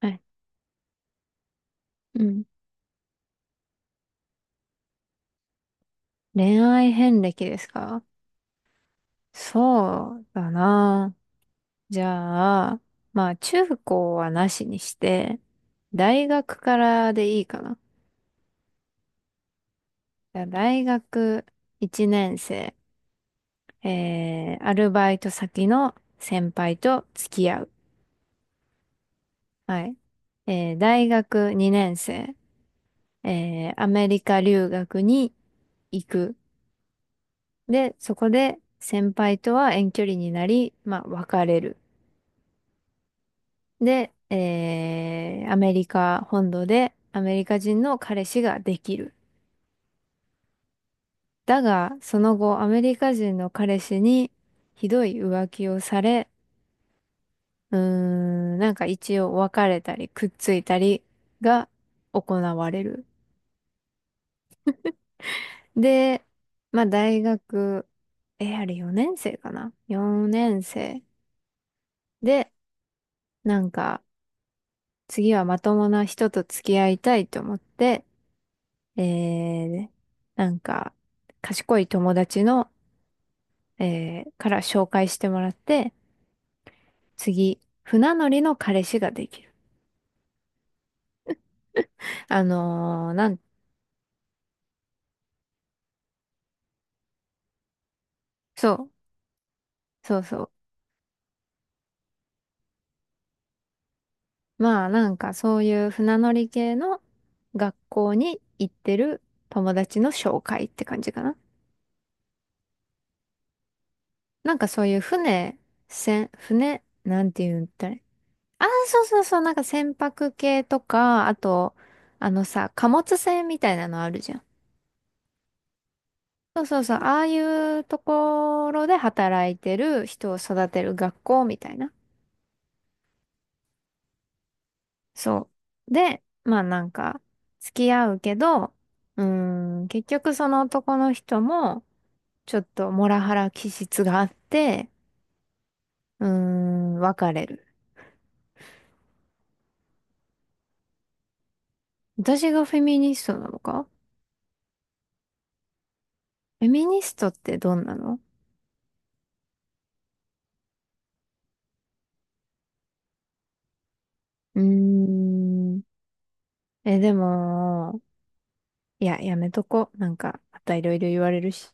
はい。うん。恋愛遍歴ですか？そうだな。じゃあ、まあ中高はなしにして、大学からでいいかな。じゃあ大学1年生、アルバイト先の先輩と付き合う。はい。大学2年生、アメリカ留学に行く。で、そこで先輩とは遠距離になり、まあ別れる。で、アメリカ本土でアメリカ人の彼氏ができる。だが、その後、アメリカ人の彼氏にひどい浮気をされ、なんか一応別れたり、くっついたりが行われる。で、まあ大学、あれ4年生かな？ 4 年生。で、なんか、次はまともな人と付き合いたいと思って、えー、なんか、賢い友達の、から紹介してもらって、次、船乗りの彼氏ができる。あのーなん、そう、そうそう。まあ、なんかそういう船乗り系の学校に行ってる友達の紹介って感じかな。なんかそういう船、なんて言うんだね。ああ、そうそうそう、なんか船舶系とか、あと、あのさ、貨物船みたいなのあるじゃん。そうそうそう、ああいうところで働いてる人を育てる学校みたいな。そう。で、まあなんか、付き合うけど、うー結局その男の人も、ちょっとモラハラ気質があって、うー別れる。私がフェミニストなのか？フェミニストってどんなの？うーん、でも、いや、やめとこ。なんか、またいろいろ言われるし。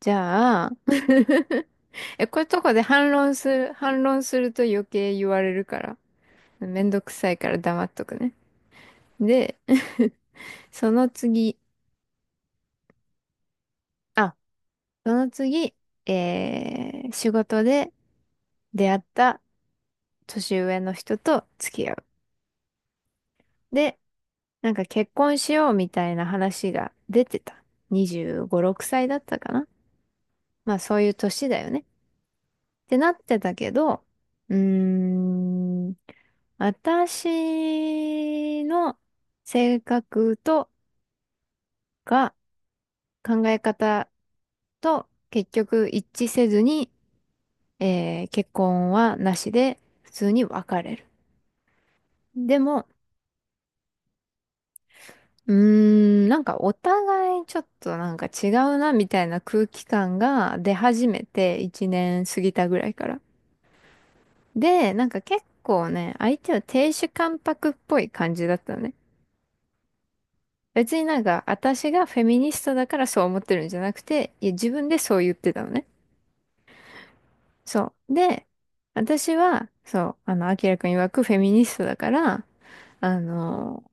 じゃあ、こういうとこで反論すると余計言われるから、めんどくさいから黙っとくね。で、その次、あ、その次、仕事で出会った年上の人と付き合う。で、なんか結婚しようみたいな話が出てた。25、6歳だったかな。まあそういう年だよね。ってなってたけど、うーん、私の性格とか考え方と結局一致せずに、結婚はなしで普通に別れる。でも、うーなんかお互いちょっとなんか違うなみたいな空気感が出始めて1年過ぎたぐらいから。で、なんか結構ね、相手は亭主関白っぽい感じだったのね。別になんか、私がフェミニストだからそう思ってるんじゃなくて、いや、自分でそう言ってたのね。そう。で、私は、そう、あの、アキラくん曰くフェミニストだから、あの、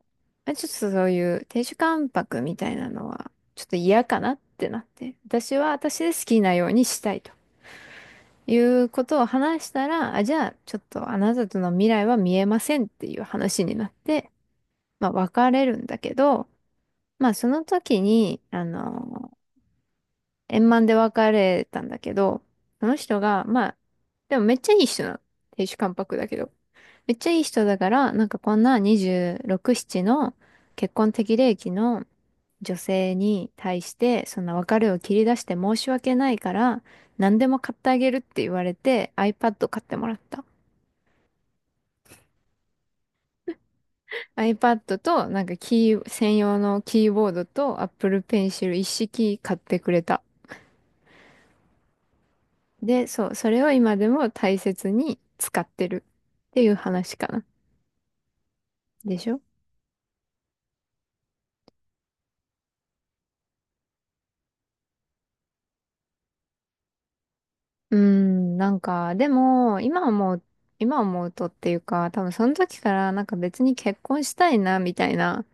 まあちょっとそういう亭主関白みたいなのは、ちょっと嫌かなってなって、私は私で好きなようにしたいということを話したら、あ、じゃあ、ちょっとあなたとの未来は見えませんっていう話になって、まあ、別れるんだけど、まあ、その時に、あの円満で別れたんだけど、その人が、まあ、でもめっちゃいい人なの。亭主関白だけど。めっちゃいい人だから、なんかこんな26、7の結婚適齢期の女性に対して、そんな別れを切り出して申し訳ないから、何でも買ってあげるって言われて、iPad 買ってもらった。iPad と、なんか専用のキーボードと Apple Pencil 一式買ってくれた。で、そう、それを今でも大切に使ってるっていう話かな。でしょ？うーん、なんか、でも、今思うとっていうか、多分その時からなんか別に結婚したいな、みたいな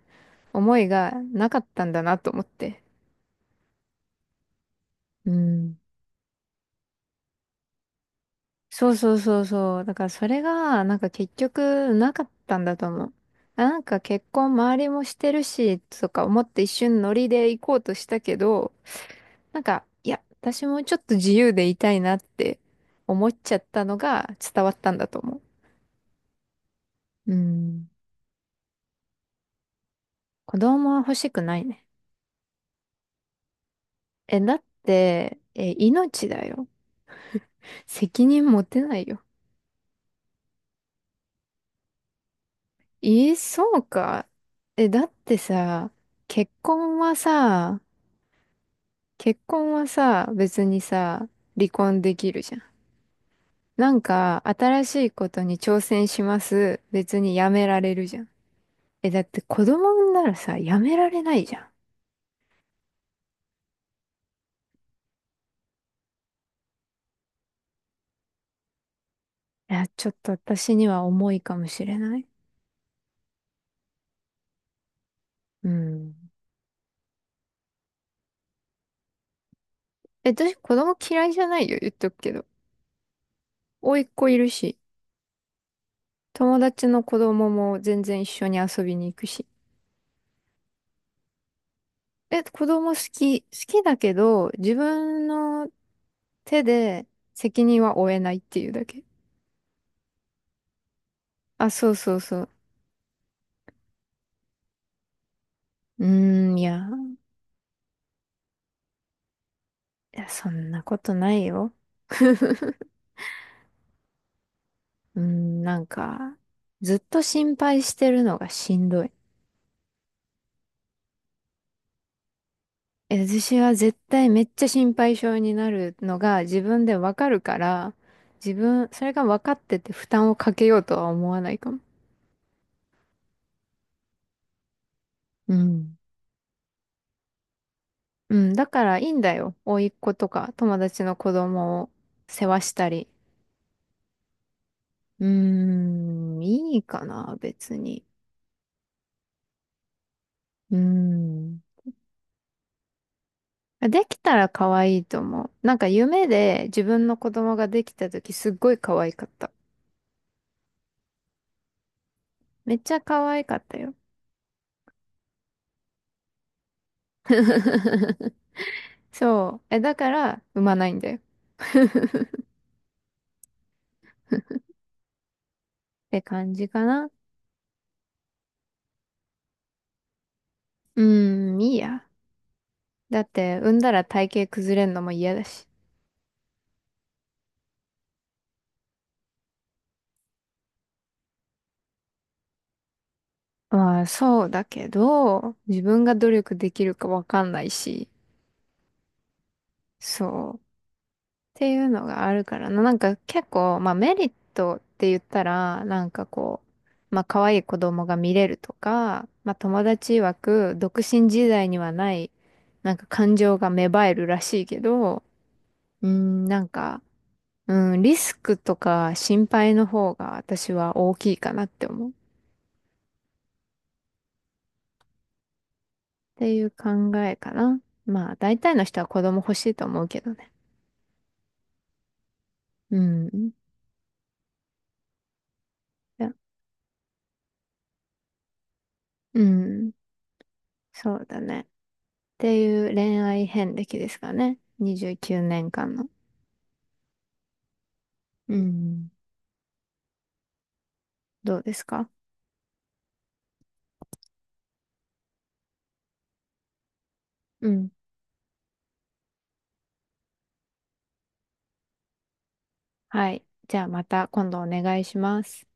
思いがなかったんだなと思って。うん。そうそうそうそう。だからそれが、なんか結局なかったんだと思う。あなんか結婚周りもしてるし、とか思って一瞬ノリで行こうとしたけど、なんか、いや、私もちょっと自由でいたいなって思っちゃったのが伝わったんだと思う。うん。子供は欲しくないね。え、だって、え、命だよ。責任持てないよ。え、そうか。え、だってさ、結婚はさ、結婚はさ、別にさ、離婚できるじゃん。なんか、新しいことに挑戦します。別にやめられるじゃん。え、だって子供産んだらさ、やめられないじゃん。いや、ちょっと私には重いかもしれない。うん。え、私子供嫌いじゃないよ、言っとくけど。甥っ子いるし、友達の子供も全然一緒に遊びに行くし。え、子供好きだけど、自分の手で責任は負えないっていうだけ。あ、そうそうそう。うーん、いや、いや、そんなことないよ。なんか、ずっと心配してるのがしんどい。え、私は絶対めっちゃ心配性になるのが自分でわかるから、自分、それが分かってて負担をかけようとは思わないかも。うん。うん、だからいいんだよ。甥っ子とか友達の子供を世話したり。うーん、いいかな、別に。うーん。できたら可愛いと思う。なんか夢で自分の子供ができた時すっごい可愛かった。めっちゃ可愛かったよ。そう。え、だから産まないんだよ。て感じかな。うーん、いいや。だって、産んだら体型崩れんのも嫌だし。まあ、そうだけど、自分が努力できるかわかんないし、そう。っていうのがあるからな。なんか結構、まあメリットって言ったら、なんかこう、まあ可愛い子供が見れるとか、まあ友達曰く、独身時代にはない、なんか感情が芽生えるらしいけど、なんか、うん、リスクとか心配の方が私は大きいかなって思う。っていう考えかな。まあ、大体の人は子供欲しいと思うけどね。うん。いや。うん。そうだね。っていう恋愛遍歴ですかね。29年間の。うん。どうですか？うん。はい。じゃあまた今度お願いします。